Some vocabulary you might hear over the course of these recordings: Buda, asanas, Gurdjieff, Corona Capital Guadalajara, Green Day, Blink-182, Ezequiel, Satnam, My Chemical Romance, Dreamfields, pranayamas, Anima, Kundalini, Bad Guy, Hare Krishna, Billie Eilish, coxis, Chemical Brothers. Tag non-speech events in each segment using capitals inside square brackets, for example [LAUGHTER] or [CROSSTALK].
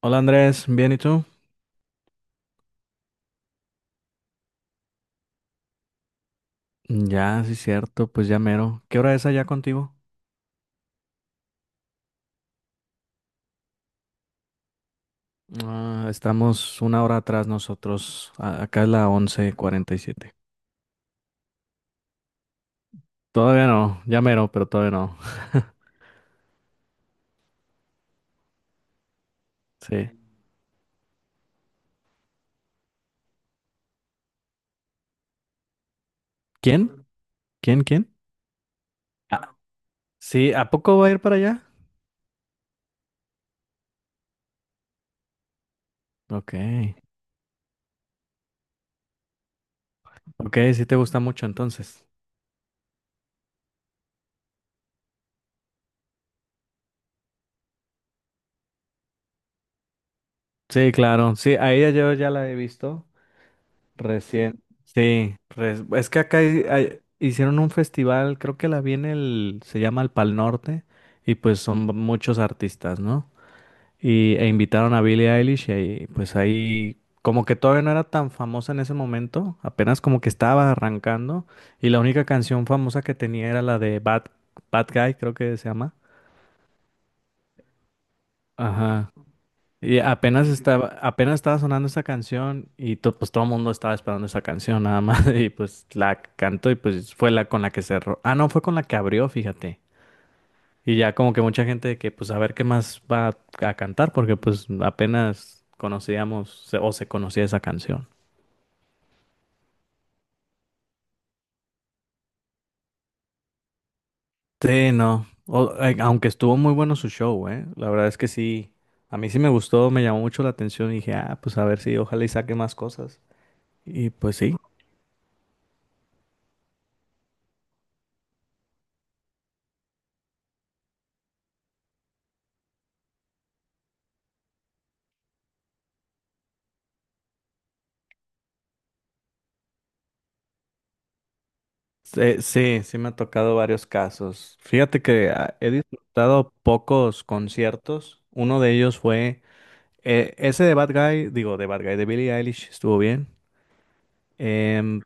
Hola Andrés, ¿bien y tú? Ya, sí, cierto, pues ya mero. ¿Qué hora es allá contigo? Ah, estamos una hora atrás nosotros. Acá es la 11:47. Todavía no, ya mero, pero todavía no. Sí. ¿Quién? ¿Quién? Ah, sí, ¿a poco va a ir para allá? Ok. Ok, sí te gusta mucho entonces. Sí, claro. Sí, a ella yo ya la he visto. Recién, sí, es que acá hicieron un festival, creo que la viene el, se llama el Pal Norte, y pues son muchos artistas, ¿no? E invitaron a Billie Eilish y ahí, pues ahí, como que todavía no era tan famosa en ese momento, apenas como que estaba arrancando, y la única canción famosa que tenía era la de Bad, Bad Guy, creo que se llama. Ajá. Y apenas estaba sonando esa canción y pues todo el mundo estaba esperando esa canción nada más [LAUGHS] y pues la cantó y pues fue la con la que cerró. Ah, no, fue con la que abrió, fíjate. Y ya como que mucha gente de que pues a ver qué más va a, cantar porque pues apenas conocíamos o se conocía esa canción. Sí, no. Aunque estuvo muy bueno su show, ¿eh? La verdad es que sí. A mí sí me gustó, me llamó mucho la atención y dije, ah, pues a ver si ojalá y saque más cosas. Y pues sí. Sí, sí, sí, me ha tocado varios casos. Fíjate que he disfrutado pocos conciertos. Uno de ellos fue ese de Bad Guy, digo, de Bad Guy, de Billie Eilish, estuvo bien. Em,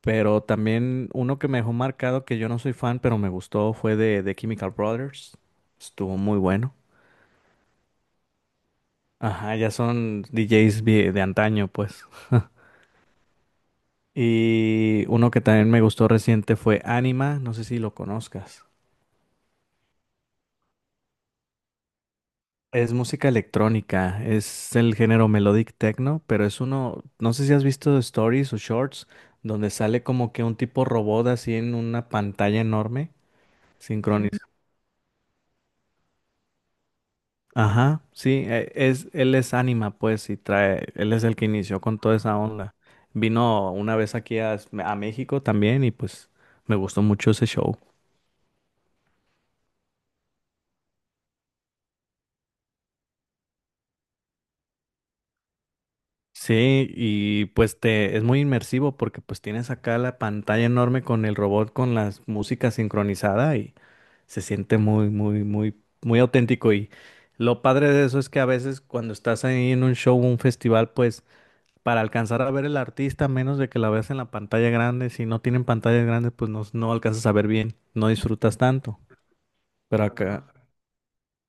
pero también uno que me dejó marcado, que yo no soy fan, pero me gustó, fue de Chemical Brothers. Estuvo muy bueno. Ajá, ya son DJs de antaño, pues. Y uno que también me gustó reciente fue Anima, no sé si lo conozcas. Es música electrónica, es el género melodic techno, pero es uno, no sé si has visto stories o shorts, donde sale como que un tipo robot así en una pantalla enorme, sincronizado. Ajá, sí, es, él es Anima, pues, y trae, él es el que inició con toda esa onda. Vino una vez aquí a México también y pues me gustó mucho ese show. Sí, y pues te es muy inmersivo porque pues tienes acá la pantalla enorme con el robot con la música sincronizada y se siente muy, muy, muy, muy auténtico. Y lo padre de eso es que a veces cuando estás ahí en un show, un festival, pues para alcanzar a ver el artista, a menos de que la veas en la pantalla grande, si no tienen pantallas grandes, pues no, no alcanzas a ver bien, no disfrutas tanto. Pero acá,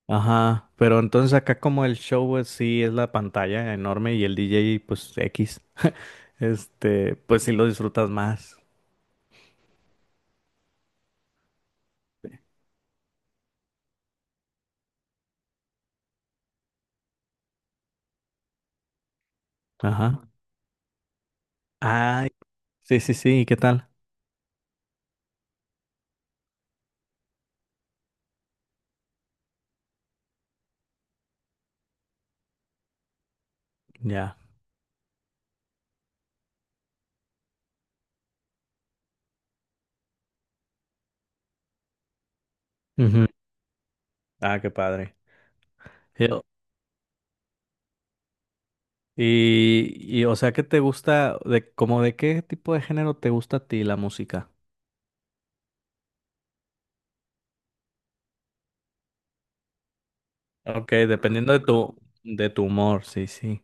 ajá, pero entonces acá como el show, pues sí, es la pantalla enorme y el DJ, pues X. Este, pues sí lo disfrutas más. Ajá. Ay, sí, sí, sí, ¿y qué tal? Ya. Ujú. Ah, qué padre. Yo- Y, y, o sea, ¿qué te gusta de como de qué tipo de género te gusta a ti la música? Ok, dependiendo de tu humor, sí, sí.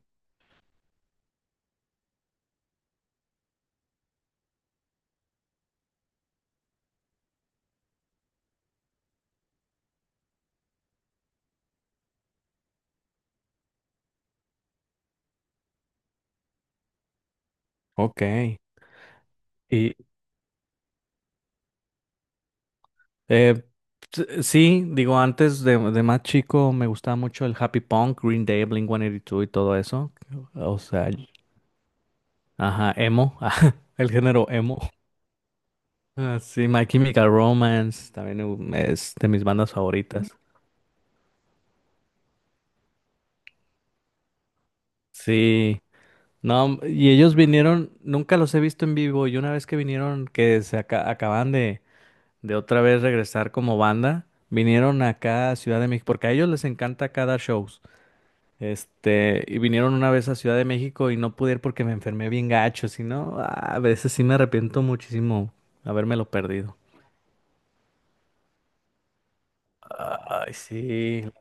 Ok. Y eh, sí, digo, de más chico me gustaba mucho el happy punk, Green Day, Blink-182 y dos y todo eso. O sea, ajá, emo, [LAUGHS] el género emo. Ah, sí, My Chemical Romance también es de mis bandas favoritas. Sí, no, y ellos vinieron, nunca los he visto en vivo y una vez que vinieron, que se acaban de otra vez regresar como banda, vinieron acá a Ciudad de México, porque a ellos les encanta acá dar shows. Este, y vinieron una vez a Ciudad de México y no pude ir porque me enfermé bien gacho, si no, ah, a veces sí me arrepiento muchísimo habérmelo perdido. Ay, sí.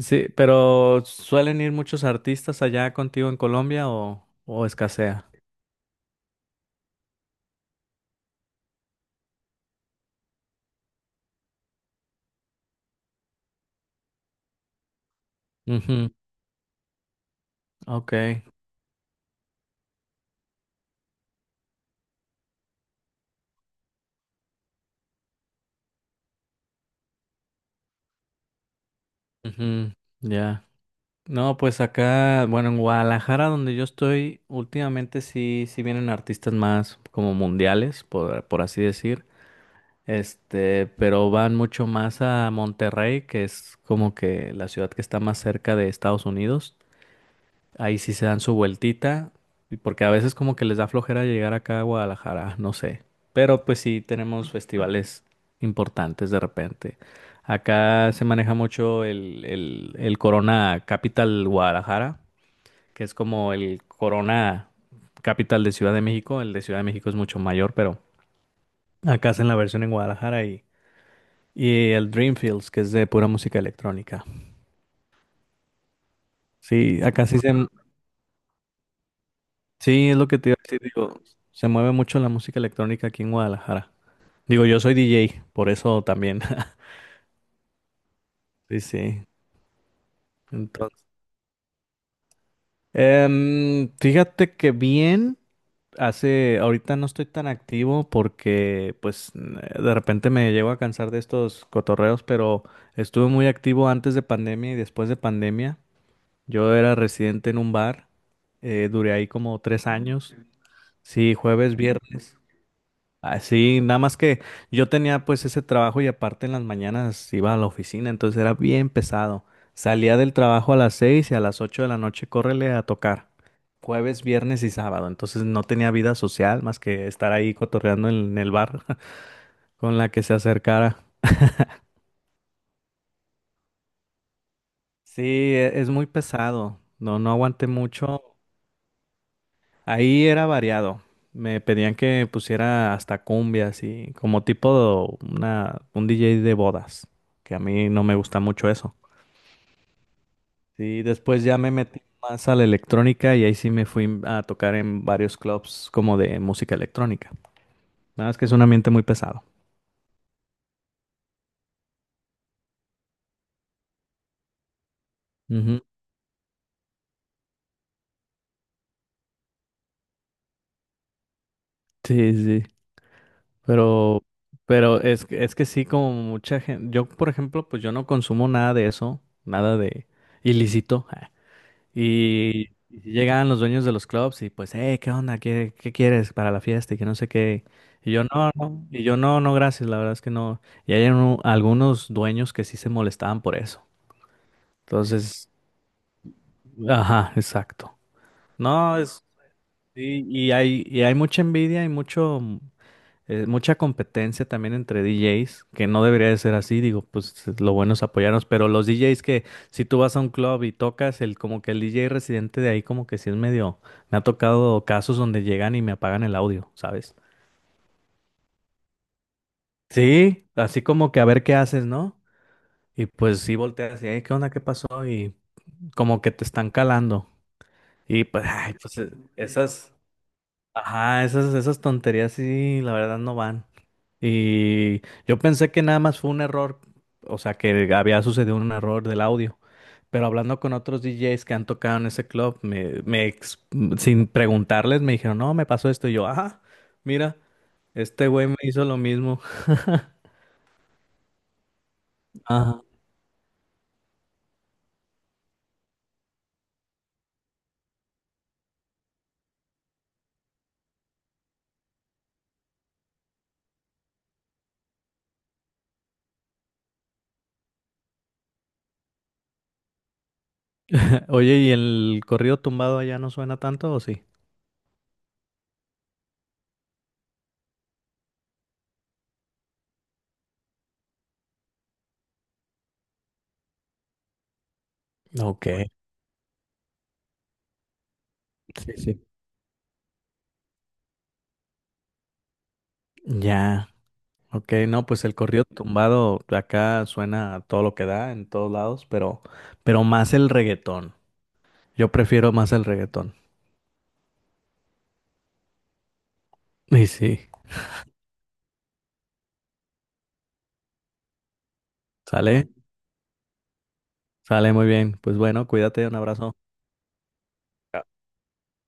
Sí, pero ¿suelen ir muchos artistas allá contigo en Colombia o escasea? Ujú, ok, ujú, ya. No, pues acá, bueno, en Guadalajara, donde yo estoy, últimamente sí, sí vienen artistas más como mundiales, por así decir, este, pero van mucho más a Monterrey, que es como que la ciudad que está más cerca de Estados Unidos. Ahí sí se dan su vueltita, y porque a veces como que les da flojera llegar acá a Guadalajara, no sé. Pero pues sí tenemos festivales importantes de repente. Acá se maneja mucho el Corona Capital Guadalajara, que es como el Corona Capital de Ciudad de México. El de Ciudad de México es mucho mayor, pero acá hacen la versión en Guadalajara y el Dreamfields, que es de pura música electrónica. Sí, acá sí se, Sí, es lo que te iba a decir, digo, se mueve mucho la música electrónica aquí en Guadalajara. Digo, yo soy DJ, por eso también. [LAUGHS] Sí, sí. Entonces, fíjate que bien, hace, ahorita no estoy tan activo porque pues de repente me llego a cansar de estos cotorreos, pero estuve muy activo antes de pandemia y después de pandemia. Yo era residente en un bar, duré ahí como 3 años. Sí, jueves, viernes. Ah, sí, nada más que yo tenía pues ese trabajo y aparte en las mañanas iba a la oficina, entonces era bien pesado. Salía del trabajo a las 6 y a las 8 de la noche córrele a tocar. Jueves, viernes y sábado. Entonces no tenía vida social más que estar ahí cotorreando en el bar [LAUGHS] con la que se acercara. Sí, es muy pesado. No, no aguanté mucho. Ahí era variado. Me pedían que pusiera hasta cumbias y como tipo un DJ de bodas, que a mí no me gusta mucho eso. Sí, después ya me metí más a la electrónica y ahí sí me fui a tocar en varios clubs como de música electrónica. Nada más que es un ambiente muy pesado. Ujú. Sí, sí, pero, pero es que sí, como mucha gente, yo por ejemplo, pues yo no consumo nada de eso, nada de ilícito, [LAUGHS] Y, y si llegaban los dueños de los clubs y pues, hey, ¿qué onda? ¿Qué quieres para la fiesta? Y que no sé qué. Y yo, no, no. Y yo, no, no, gracias. La verdad es que no. Y hay algunos dueños que sí se molestaban por eso. Entonces, ajá, exacto. No, es, y hay mucha envidia y mucho. Mucha competencia también entre DJs, que no debería de ser así, digo, pues lo bueno es apoyarnos, pero los DJs que si tú vas a un club y tocas, el como que el DJ residente de ahí como que sí es medio, me ha tocado casos donde llegan y me apagan el audio, ¿sabes? Sí, así como que a ver qué haces, ¿no? Y pues sí volteas y, "Ey, ¿qué onda? ¿Qué pasó? Y como que te están calando. Y pues, ay, pues, esas... Ajá, esas tonterías sí, la verdad no van. Y yo pensé que nada más fue un error, o sea, que había sucedido un error del audio. Pero hablando con otros DJs que han tocado en ese club, me sin preguntarles me dijeron, no, me pasó esto. Y yo, ah, mira, este güey me hizo lo mismo. [LAUGHS] Ajá. Oye, ¿y el corrido tumbado allá no suena tanto o sí? Ok, sí, sí. Ya. Ok, no, pues el corrido tumbado acá suena a todo lo que da en todos lados, pero más el reggaetón. Yo prefiero más el reggaetón. Y sí, sale, sale muy bien. Pues bueno, cuídate, un abrazo.